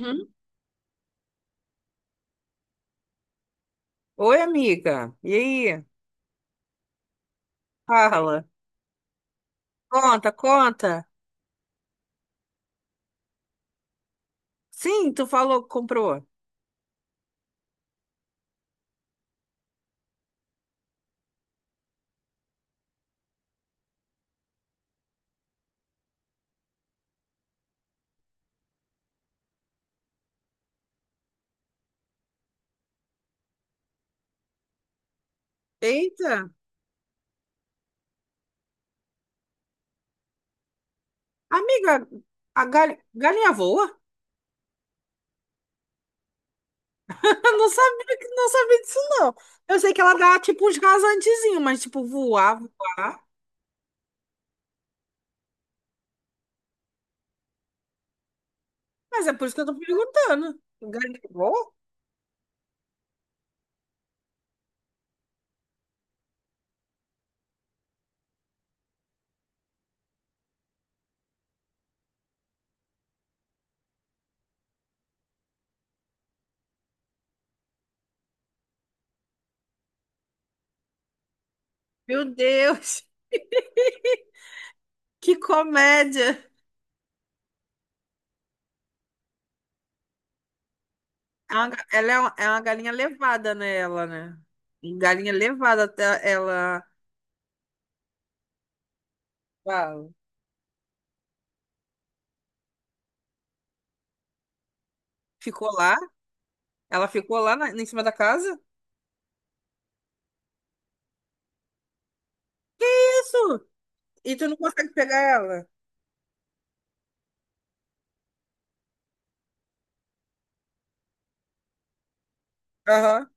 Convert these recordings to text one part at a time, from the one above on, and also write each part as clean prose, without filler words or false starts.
Hum? Oi, amiga. E aí? Fala. Conta, conta. Sim, tu falou que comprou. Eita. Amiga, a galinha voa? Eu não sabia, não sabia disso, não. Eu sei que ela dá, tipo, uns rasantezinhos, mas, tipo, voar, voar. Mas é por isso que eu tô perguntando. Galinha voa? Meu Deus, que comédia. É uma É uma galinha levada, né, ela, né? Galinha levada, até ela... ela ficou lá? Ela ficou lá na, em cima da casa? Isso! E tu não consegue pegar ela? Aham.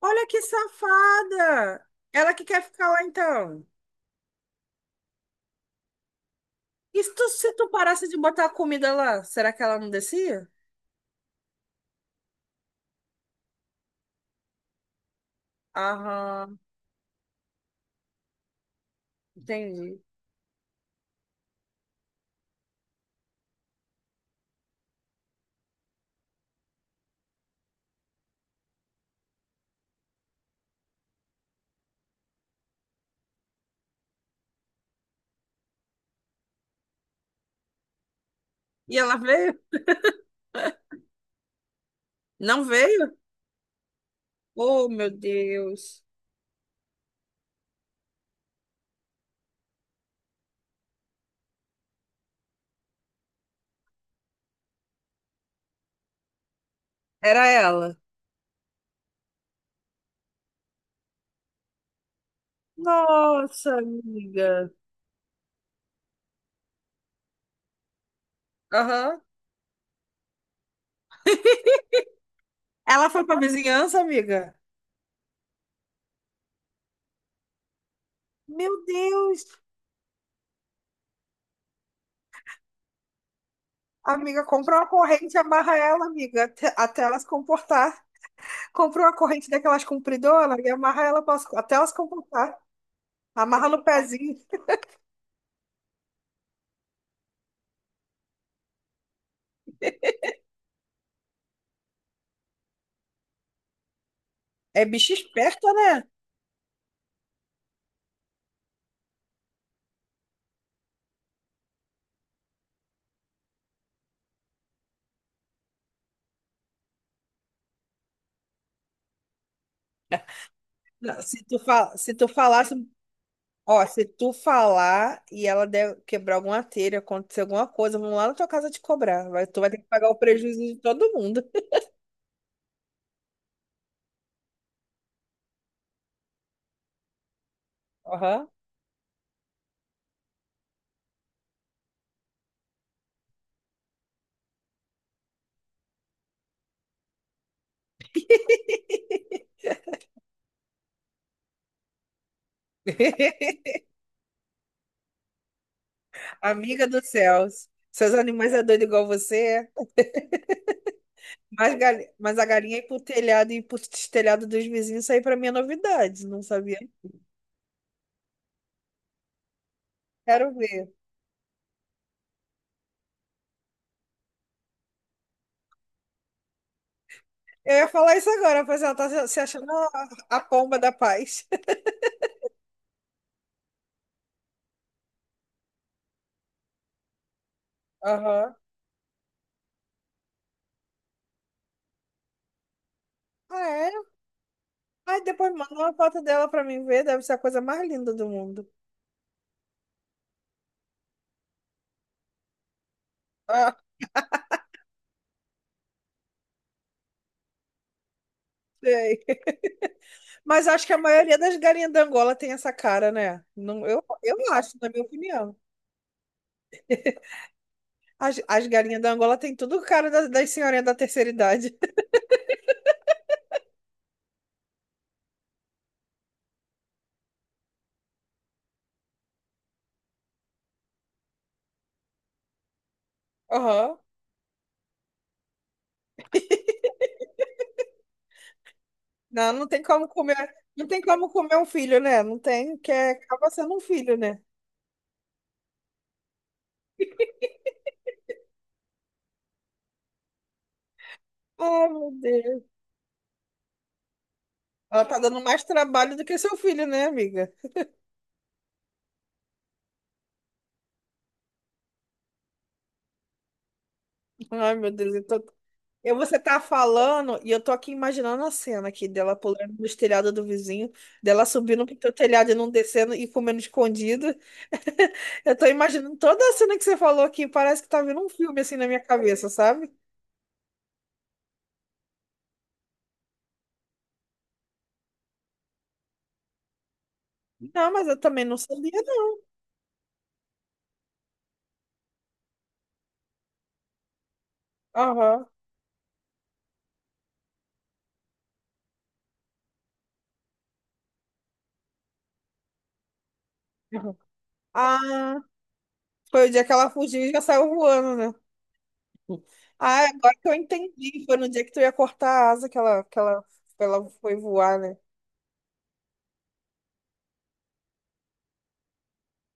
Olha que safada! Ela que quer ficar lá então. E se tu, se tu parasse de botar a comida lá, será que ela não descia? Aham, entendi. E ela veio? Não veio? Oh, meu Deus. Era ela. Nossa, amiga. Aham. Ela foi pra vizinhança, amiga? Meu Deus. Amiga, compra uma corrente e amarra ela, amiga, até ela se comportar. Comprou uma corrente daquelas compridoras e amarra ela até elas comportar. Amarra no pezinho. É bicho esperto, né? Não, se tu, se tu falasse. Ó, se tu falar e ela quebrar alguma telha, acontecer alguma coisa, vão lá na tua casa te cobrar. Tu vai ter que pagar o prejuízo de todo mundo. Aham. Amiga do céu. Seus animais é doido igual você. É? Mas, mas a galinha ir pro telhado e ir pro telhado dos vizinhos, isso aí pra mim é novidade. Não sabia. Quero ver. Eu ia falar isso agora, pois ela tá se achando a pomba da paz. Aham. Ah, é? Aí depois manda uma foto dela pra mim ver, deve ser a coisa mais linda do mundo. Ah, sei. Mas acho que a maioria das galinhas da Angola tem essa cara, né? Não, eu acho, na minha opinião. As galinhas da Angola tem tudo cara das senhorinhas da terceira idade. Aham. Não, não tem como comer, não tem como comer um filho, né? Não tem, acaba sendo um filho, né? Ai, meu Deus. Ela tá dando mais trabalho do que seu filho, né, amiga? Ai, meu Deus, eu tô... você tá falando e eu tô aqui imaginando a cena aqui dela pulando no telhado do vizinho, dela subindo pro teu telhado e não descendo e comendo escondido. Eu tô imaginando toda a cena que você falou aqui, parece que tá vendo um filme assim na minha cabeça, sabe? Não, mas eu também não sabia, não. Aham. Aham. Ah, foi o dia que ela fugiu e já saiu voando, né? Ah, agora que eu entendi, foi no dia que tu ia cortar a asa que ela foi voar, né?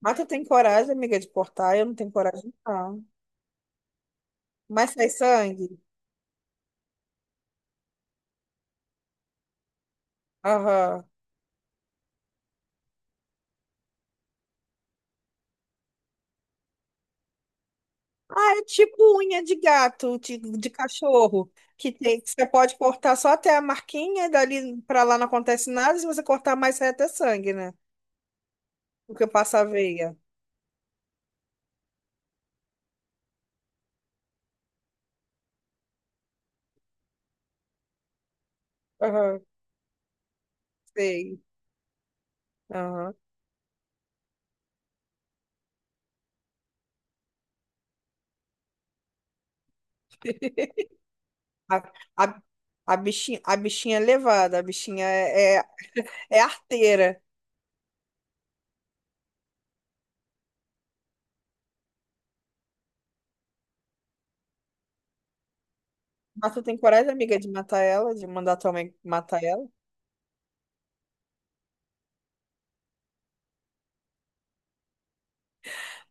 Mas tu tem coragem, amiga, de cortar? Eu não tenho coragem, não. Mas sai sangue? Aham. Ah, é tipo unha de gato, de cachorro, que você pode cortar só até a marquinha, e dali pra lá não acontece nada, se você cortar mais sai até sangue, né? Porque passa a veia. Aham, sei. Aham. A, a, a bichinha é levada, a bichinha é é arteira. Mas tu tem coragem, amiga, de matar ela, de mandar tua mãe matar ela?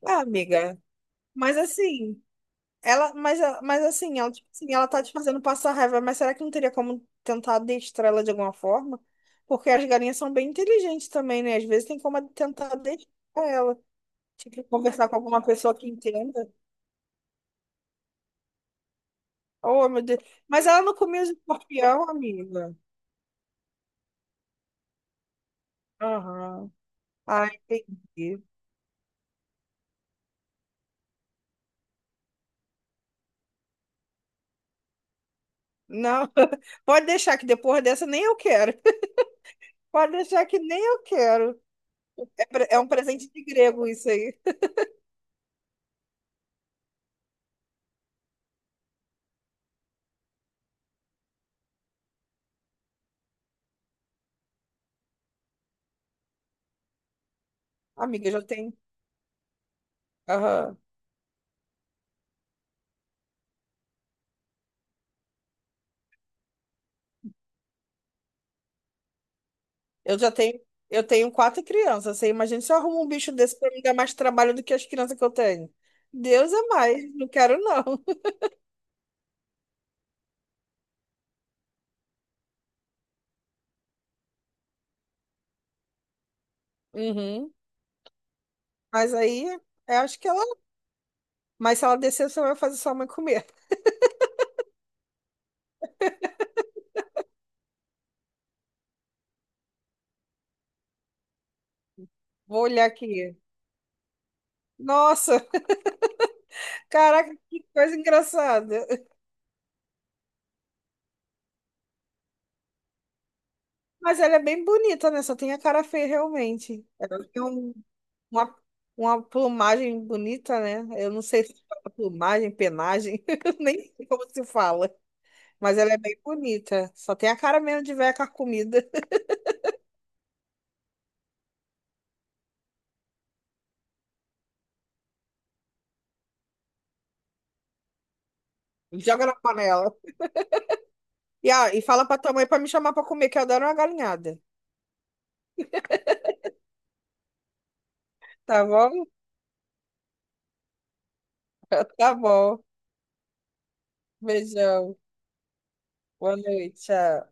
Ah, amiga. Mas assim, ela, mas, eh, mas assim, ela, tipo assim, ela tá te fazendo passar raiva, mas será que não teria como tentar adestrar ela de alguma forma? Porque as galinhas são bem inteligentes também, né? Às vezes tem como tentar adestrar ela. Tipo, conversar com alguma pessoa que entenda. Oh, meu Deus. Mas ela não comia os escorpião, amiga. Aham. Ah, entendi. Não, pode deixar que depois dessa nem eu quero. Pode deixar que nem eu quero. É, é um presente de grego isso aí. Amiga, já tem. Aham. Eu já tenho, eu tenho quatro crianças. Você imagina se eu arrumo um bicho desse pra me dar mais trabalho do que as crianças que eu tenho. Deus é mais, não quero não. Uhum. Mas aí, eu acho que ela. Mas se ela descer, você vai fazer sua mãe comer. Vou olhar aqui. Nossa, caraca, que coisa engraçada. Mas ela é bem bonita, né? Só tem a cara feia, realmente. Ela tem uma, uma plumagem bonita, né? Eu não sei se fala plumagem, penagem, nem sei como se fala. Mas ela é bem bonita. Só tem a cara mesmo de velha carcomida. Joga na panela. E, ah, e fala pra tua mãe pra me chamar pra comer, que eu adoro uma galinhada. Tá bom? Tá bom. Beijão. Boa noite. Tchau.